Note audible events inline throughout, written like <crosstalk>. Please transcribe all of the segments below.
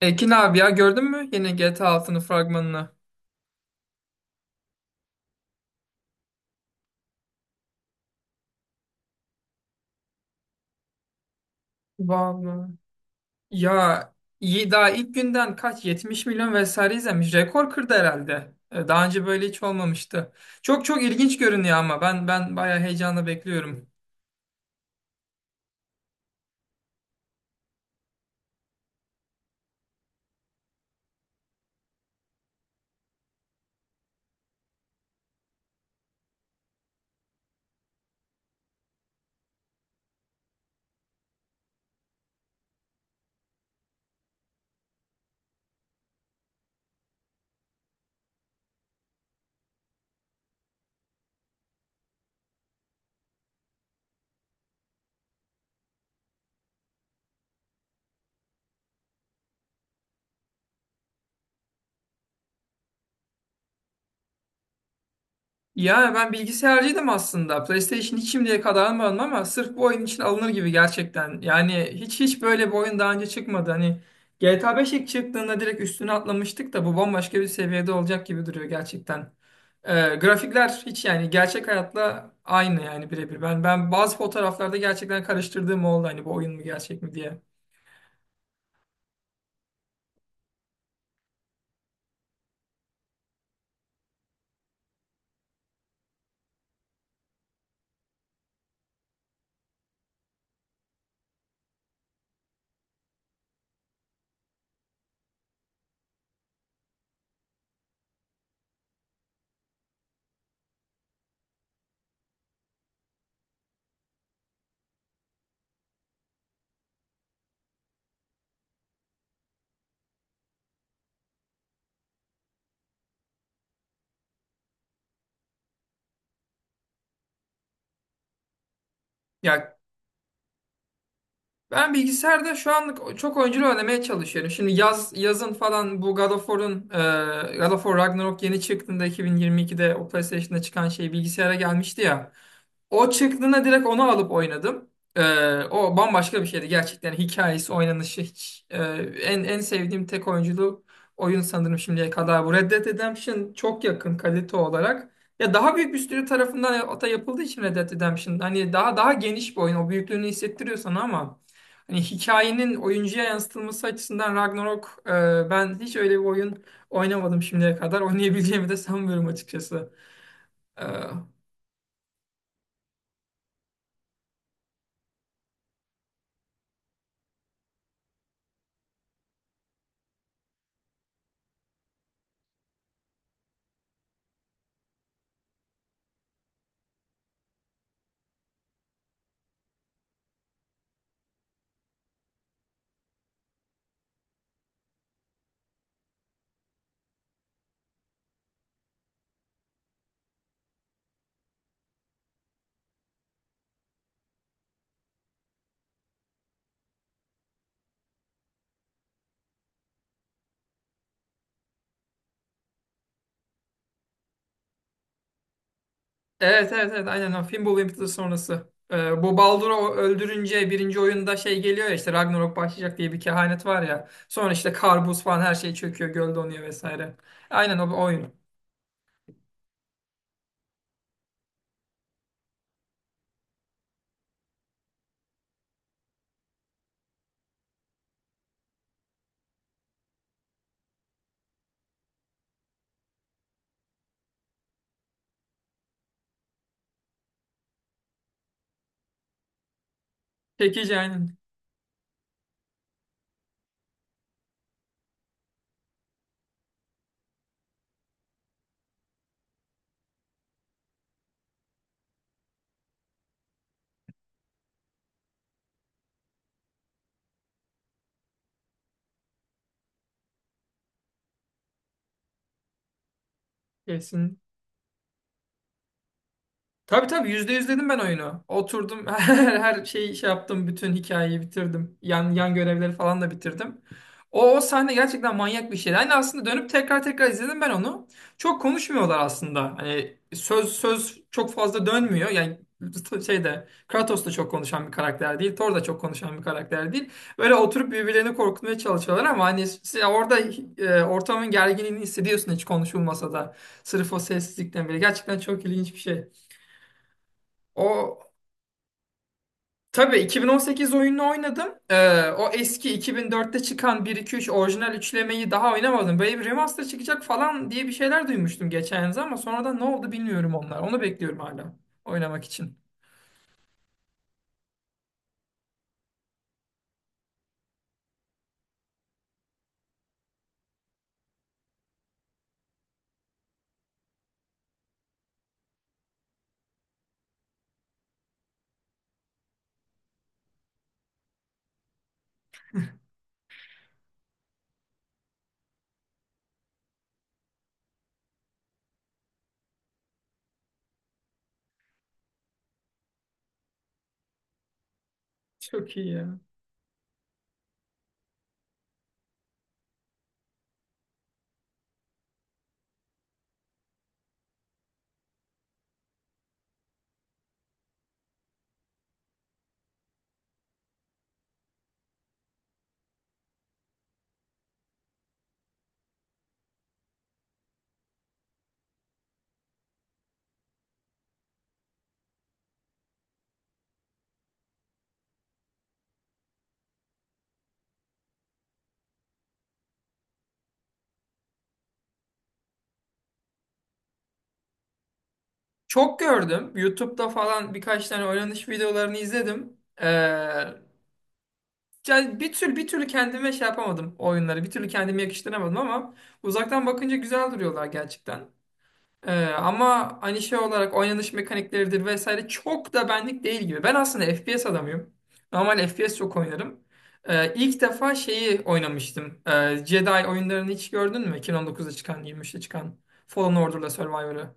Ekin abi ya gördün mü yine GTA 6'nın fragmanını? Vallahi. Ya iyi daha ilk günden kaç 70 milyon vesaire izlemiş. Rekor kırdı herhalde. Daha önce böyle hiç olmamıştı. Çok çok ilginç görünüyor ama ben bayağı heyecanla bekliyorum. Ya ben bilgisayarcıydım aslında. PlayStation hiç şimdiye kadar almadım ama sırf bu oyun için alınır gibi gerçekten. Yani hiç böyle bir oyun daha önce çıkmadı. Hani GTA 5 ilk çıktığında direkt üstüne atlamıştık da bu bambaşka bir seviyede olacak gibi duruyor gerçekten. Grafikler hiç yani gerçek hayatla aynı yani birebir. Ben bazı fotoğraflarda gerçekten karıştırdığım oldu hani bu oyun mu gerçek mi diye. Ya ben bilgisayarda şu anlık çok oyunculu oynamaya çalışıyorum. Şimdi yazın falan bu God of War Ragnarok yeni çıktığında 2022'de o PlayStation'da çıkan şey bilgisayara gelmişti ya. O çıktığında direkt onu alıp oynadım. E, O bambaşka bir şeydi gerçekten. Hikayesi, oynanışı en sevdiğim tek oyunculu oyun sanırım şimdiye kadar bu. Red Dead Redemption çok yakın kalite olarak. Ya daha büyük bir stüdyo tarafından ata yapıldığı için Red Dead Redemption hani daha geniş bir oyun. O büyüklüğünü hissettiriyor sana ama hani hikayenin oyuncuya yansıtılması açısından Ragnarok, ben hiç öyle bir oyun oynamadım şimdiye kadar. Oynayabileceğimi de sanmıyorum açıkçası. E, evet, evet, evet, aynen o Fimbul Winter sonrası. Bu Baldur'u öldürünce birinci oyunda şey geliyor ya işte Ragnarok başlayacak diye bir kehanet var ya. Sonra işte kar, buz falan her şey çöküyor, göl donuyor vesaire. Aynen o oyun. Çekici, aynen. Kesin. Tabii, tabii, %100 dedim ben oyunu. Oturdum <laughs> her şeyi şey yaptım. Bütün hikayeyi bitirdim. Yan görevleri falan da bitirdim. O sahne gerçekten manyak bir şeydi. Hani aslında dönüp tekrar tekrar izledim ben onu. Çok konuşmuyorlar aslında. Hani söz çok fazla dönmüyor. Yani şeyde Kratos da çok konuşan bir karakter değil. Thor da çok konuşan bir karakter değil. Böyle oturup birbirlerini korkutmaya çalışıyorlar ama hani orada ortamın gerginliğini hissediyorsun hiç konuşulmasa da. Sırf o sessizlikten bile. Gerçekten çok ilginç bir şey. O tabii 2018 oyununu oynadım. O eski 2004'te çıkan bir iki üç orijinal üçlemeyi daha oynamadım. Böyle bir remaster çıkacak falan diye bir şeyler duymuştum geçen yıl ama sonradan ne oldu bilmiyorum onlar. Onu bekliyorum hala oynamak için. Çok iyi ya. Çok gördüm. YouTube'da falan birkaç tane oynanış videolarını izledim. Ee, Yani bir türlü kendime şey yapamadım oyunları. Bir türlü kendime yakıştıramadım ama uzaktan bakınca güzel duruyorlar gerçekten. Ama hani şey olarak oynanış mekanikleridir vesaire çok da benlik değil gibi. Ben aslında FPS adamıyım. Normal FPS çok oynarım. İlk defa şeyi oynamıştım. Jedi oyunlarını hiç gördün mü? 2019'da çıkan, 23'te çıkan Fallen Order'la Survivor'ı.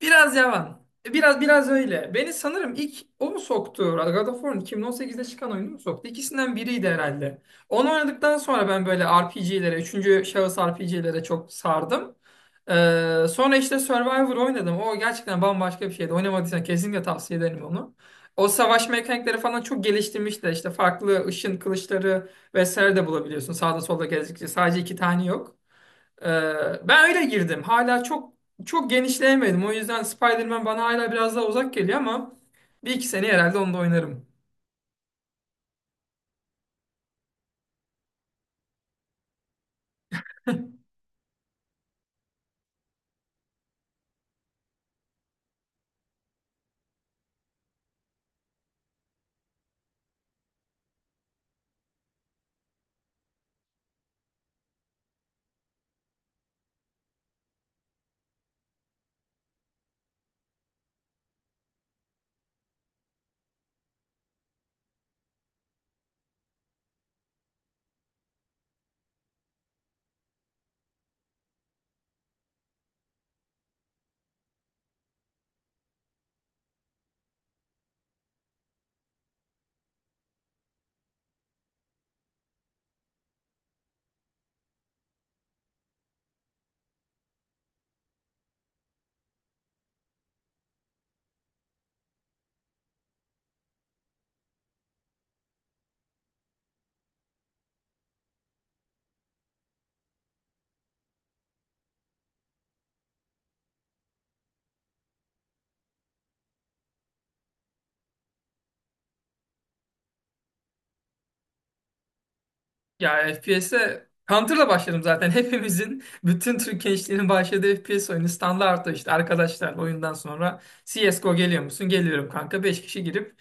Biraz yavan. Biraz öyle. Beni sanırım ilk o mu soktu? God of War'un 2018'de çıkan oyunu mu soktu? İkisinden biriydi herhalde. Onu oynadıktan sonra ben böyle RPG'lere, üçüncü şahıs RPG'lere çok sardım. Sonra işte Survivor oynadım. O gerçekten bambaşka bir şeydi. Oynamadıysan kesinlikle tavsiye ederim onu. O savaş mekanikleri falan çok geliştirmiş de işte farklı ışın kılıçları vesaire de bulabiliyorsun. Sağda solda gezdikçe sadece iki tane yok. Ben öyle girdim. Hala çok çok genişleyemedim. O yüzden Spider-Man bana hala biraz daha uzak geliyor ama bir iki sene herhalde onu da oynarım. Ya FPS'e Counter'la başladım zaten. <laughs> Hepimizin, bütün Türk gençliğinin başladığı FPS oyunu standart işte. Arkadaşlar, oyundan sonra CSGO geliyor musun? Geliyorum kanka. Beş kişi girip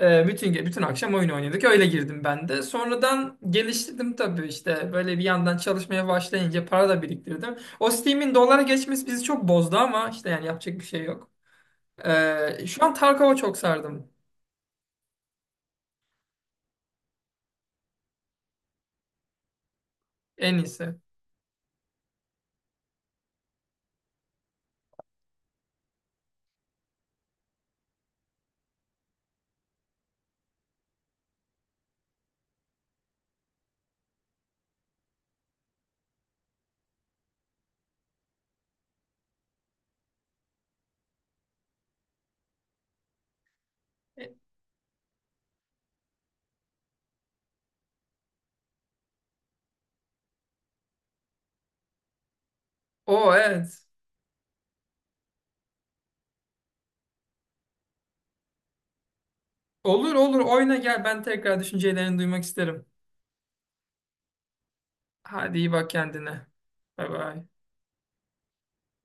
bütün akşam oyun oynadık. Öyle girdim ben de. Sonradan geliştirdim tabii işte. Böyle bir yandan çalışmaya başlayınca para da biriktirdim. O Steam'in dolara geçmesi bizi çok bozdu ama işte yani yapacak bir şey yok. Şu an Tarkov'a çok sardım. En iyisi. E, O, evet. Olur, olur, oyna gel, ben tekrar düşüncelerini duymak isterim. Hadi iyi bak kendine. Bay bay.